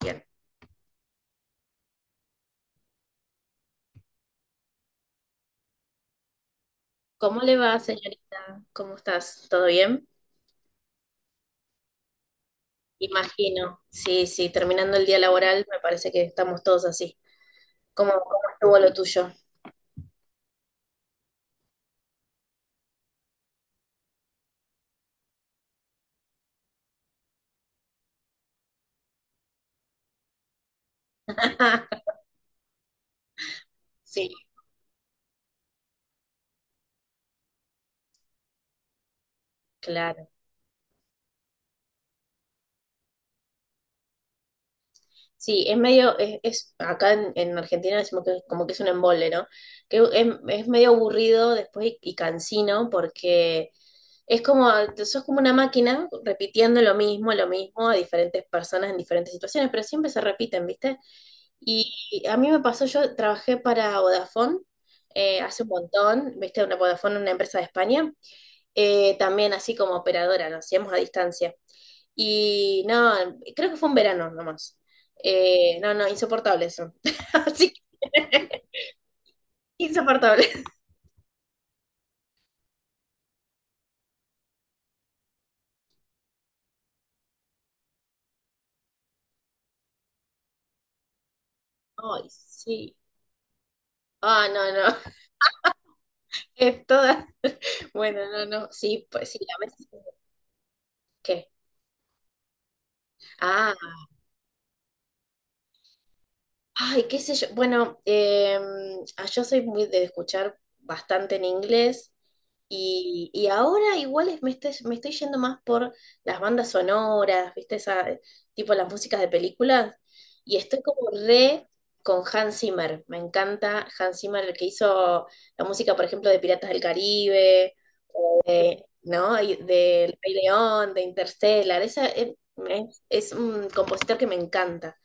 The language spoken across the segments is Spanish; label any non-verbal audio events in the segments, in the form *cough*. Bien. ¿Cómo le va, señorita? ¿Cómo estás? ¿Todo bien? Imagino. Sí, sí, terminando el día laboral, me parece que estamos todos así. ¿Cómo estuvo lo tuyo? *laughs* Sí, claro. Sí, es medio, es- acá en Argentina decimos que es como que es un embole, ¿no? Que es medio aburrido después y cansino porque es como, sos como una máquina repitiendo lo mismo a diferentes personas en diferentes situaciones, pero siempre se repiten, ¿viste? Y a mí me pasó, yo trabajé para Vodafone hace un montón, viste, una Vodafone, una empresa de España, también así como operadora, lo hacíamos a distancia. Y no, creo que fue un verano nomás. No, no, insoportable eso. *laughs* Así que, insoportable. Ay, sí. Ah, no, no. *laughs* Es toda. Bueno, no, no. Sí, pues sí, a veces. ¿Qué? Ah, ay, qué sé yo. Bueno, yo soy muy de escuchar bastante en inglés y ahora igual me estoy yendo más por las bandas sonoras, ¿viste? Esa, tipo las músicas de películas. Y estoy como re con Hans Zimmer. Me encanta Hans Zimmer, el que hizo la música, por ejemplo, de Piratas del Caribe, ¿no? Y del Rey León, de Interstellar. Esa, es un compositor que me encanta.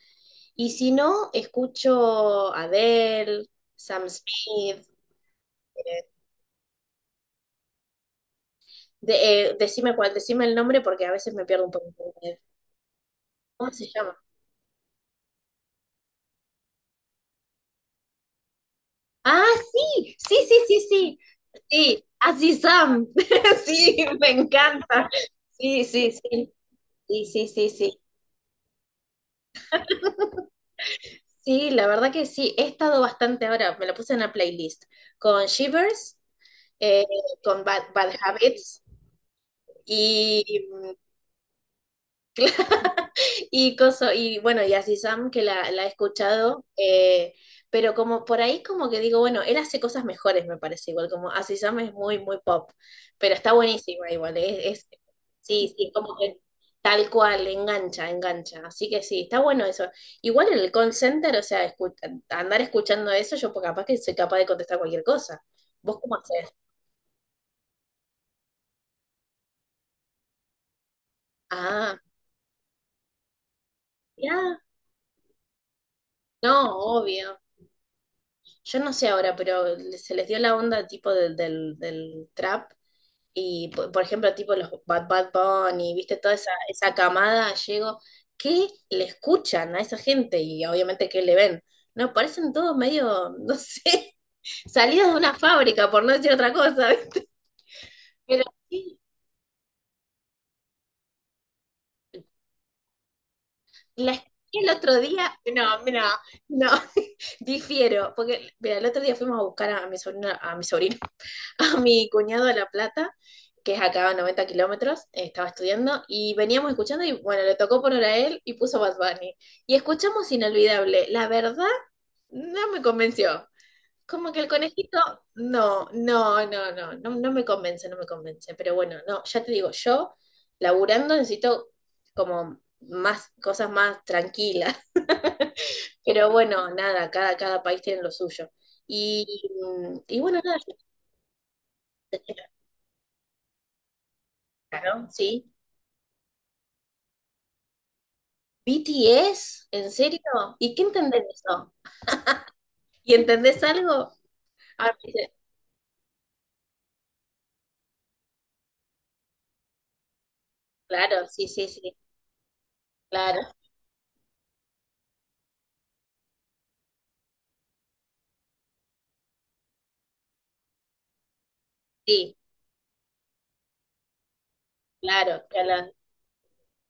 Y si no, escucho Adele, Sam Smith. eh, decime cuál, decime el nombre porque a veces me pierdo un poco. ¿Cómo se llama? Ah, sí, sí, sí, sí, sí. Sí, así Sam. *laughs* Sí, me encanta. Sí, sí, sí. Sí, sí, sí, sí. Sí, la verdad que sí. He estado bastante ahora, me lo puse en la playlist, con Shivers, eh, con Bad, Bad Habits y *laughs* Y, coso, y bueno, y así Sam, que la he escuchado, pero como por ahí como que digo, bueno, él hace cosas mejores, me parece igual, como así Sam es muy, muy pop, pero está buenísima igual, sí, sí, como que tal cual, engancha, engancha, así que sí, está bueno eso. Igual en el call center, o sea, andar escuchando eso, yo pues, capaz que soy capaz de contestar cualquier cosa. ¿Vos cómo hacés? Ah, ya, no, obvio. Yo no sé ahora, pero se les dio la onda tipo del trap y, por ejemplo, tipo los Bad Bad Bunny, viste, toda esa, esa camada, llego, ¿qué le escuchan a esa gente? Y obviamente, ¿qué le ven? No, parecen todos medio, no sé, *laughs* salidos de una fábrica, por no decir otra cosa, ¿viste? Pero sí, la escuché el otro día, no, mira, no, *laughs* difiero, porque, mira, el otro día fuimos a buscar a mi sobrino, a mi sobrino, a mi cuñado de La Plata, que es acá a 90 kilómetros, estaba estudiando, y veníamos escuchando, y bueno, le tocó poner a él y puso Bad Bunny. Y escuchamos Inolvidable. La verdad, no me convenció. Como que el conejito, no, no, no, no, no, no me convence, no me convence. Pero bueno, no, ya te digo, yo laburando necesito como más cosas más tranquilas. *laughs* Pero bueno, nada, cada país tiene lo suyo. Y, y bueno, nada, yo- ¿no? Sí, ¿BTS? ¿En serio? ¿Y qué entendés de eso? ¿Y entendés algo? Ah, me dice, claro, sí, sí, sí, claro, sí, claro, claro,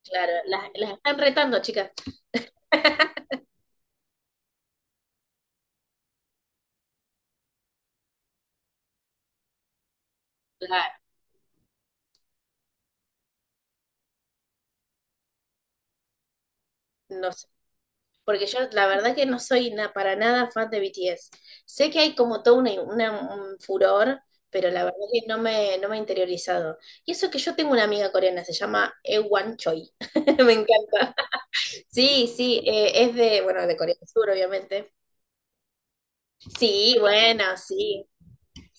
claro. Las están retando, chicas. *laughs* Claro, no sé. Porque yo la verdad que para nada fan de BTS. Sé que hay como todo un furor, pero la verdad que no me he interiorizado. Y eso que yo tengo una amiga coreana, se llama Ewan Choi. *laughs* Me encanta. Sí, sí, es de, bueno, de Corea del Sur, obviamente. Sí, bueno, sí.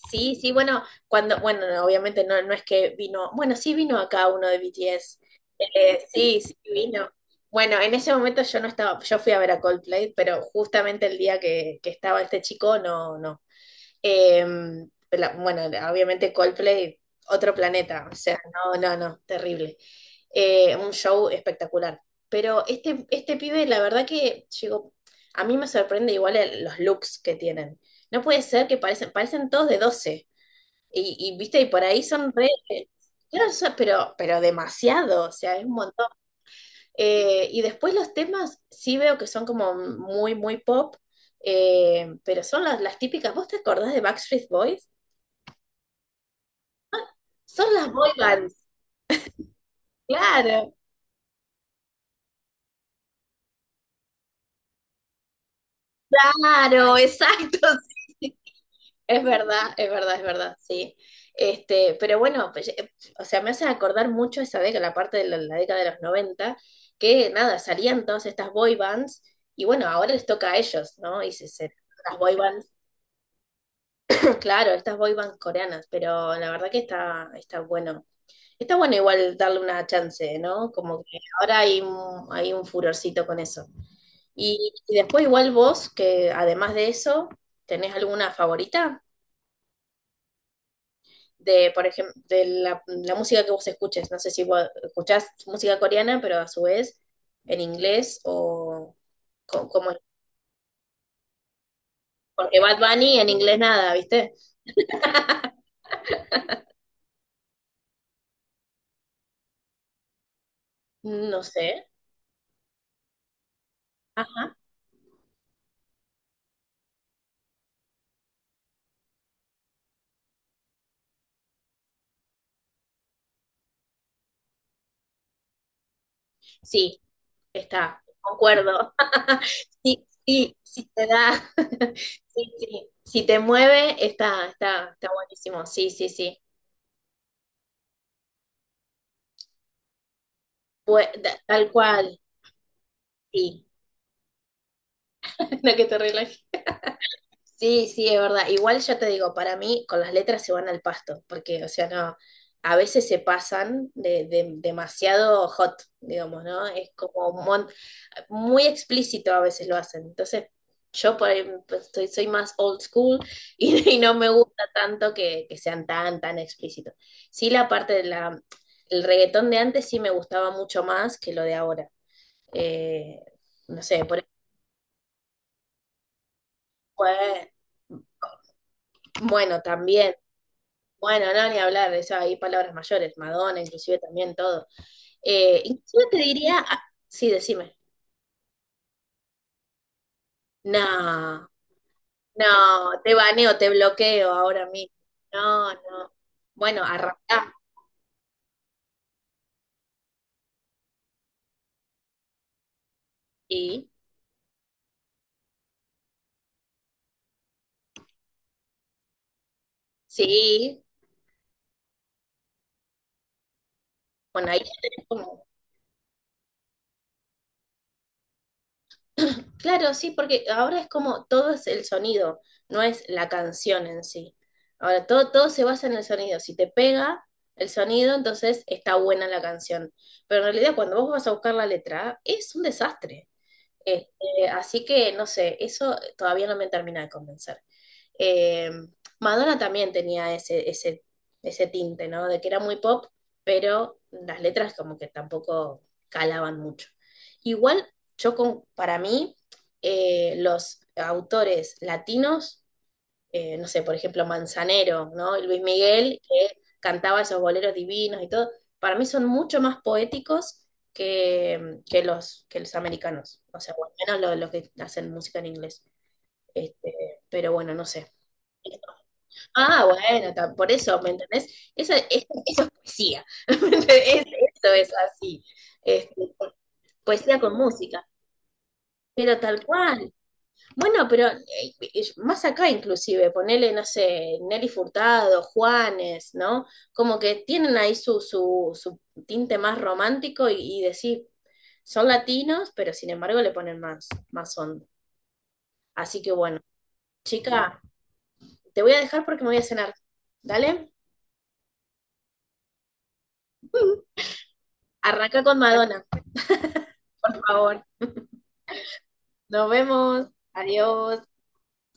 Sí, sí, bueno, cuando, bueno, no, obviamente no, no es que vino, bueno, sí vino acá uno de BTS. Sí, sí vino. Bueno, en ese momento yo no estaba, yo fui a ver a Coldplay, pero justamente el día que estaba este chico, no, no. Eh, bueno, obviamente Coldplay, otro planeta, o sea, no, no, no, terrible un show espectacular. Pero este pibe, la verdad que llegó, a mí me sorprende igual los looks que tienen. No puede ser que parecen, parecen todos de 12 Y, y, viste, y por ahí son re... claro, pero demasiado, o sea, es un montón. Y después los temas sí veo que son como muy, muy pop, pero son las típicas. ¿Vos te acordás de Backstreet Boys? Son las boy bands. Claro, claro, exacto. *laughs* Es verdad, es verdad, es verdad, sí. Este, pero bueno, pues, o sea, me hace acordar mucho esa década, la parte de la década de los 90 que nada, salían todas estas boy bands y bueno, ahora les toca a ellos, ¿no? Y las boy bands, *clears throat* claro, estas boy bands coreanas, pero la verdad que está, está bueno. Está bueno igual darle una chance, ¿no? Como que ahora hay un furorcito con eso. Y después igual vos, que además de eso, ¿tenés alguna favorita? De, por ejemplo, de música que vos escuches. No sé si vos escuchás música coreana, pero a su vez en inglés o como... Porque Bad Bunny en inglés nada, ¿viste? No sé. Ajá. Sí, está. Concuerdo. *laughs* Sí, sí, sí te da. *laughs* Sí, sí. Si te mueve, está, está, está buenísimo. Sí, sí, sí. Tal cual. Sí. *laughs* La que te relaje. Sí, sí, es verdad. Igual yo te digo, para mí con las letras se van al pasto, porque, o sea, no, a veces se pasan demasiado hot, digamos, ¿no? Es como un mon- muy explícito a veces lo hacen. Entonces, yo por ahí pues, soy más old school y, *laughs* y no me gusta tanto que sean tan, tan explícitos. Sí, la parte de el reggaetón de antes sí me gustaba mucho más que lo de ahora. Eh, no sé, por ejemplo, eh, bueno, también. Bueno, no, ni hablar, eso hay palabras mayores, Madonna, inclusive también todo. Inclusive te diría, ah, sí, decime, no, no, te baneo, te bloqueo ahora mismo. No, no. Bueno, arrancá, sí, sí. Bueno, ahí ya tenés como *clears throat* claro, sí, porque ahora es como todo es el sonido, no es la canción en sí. Ahora todo se basa en el sonido. Si te pega el sonido, entonces está buena la canción. Pero en realidad cuando vos vas a buscar la letra, es un desastre. Este, así que no sé, eso todavía no me termina de convencer. Eh, Madonna también tenía ese tinte, ¿no? De que era muy pop, pero las letras como que tampoco calaban mucho. Igual, yo con, para mí, los autores latinos, no sé, por ejemplo, Manzanero, ¿no? Y Luis Miguel, que cantaba esos boleros divinos y todo, para mí son mucho más poéticos que que los americanos, o sea, o al menos los que hacen música en inglés. Este, pero bueno, no sé. Ah, bueno, por eso, ¿me entendés? Esa es poesía. *laughs* Eso es así. Este, poesía con música. Pero tal cual. Bueno, pero más acá inclusive, ponele, no sé, Nelly Furtado, Juanes, ¿no? Como que tienen ahí su tinte más romántico y decir, son latinos, pero sin embargo le ponen más, más onda. Así que bueno, chica, te voy a dejar porque me voy a cenar. ¿Dale? Arranca con Madonna, por favor. Nos vemos. Adiós.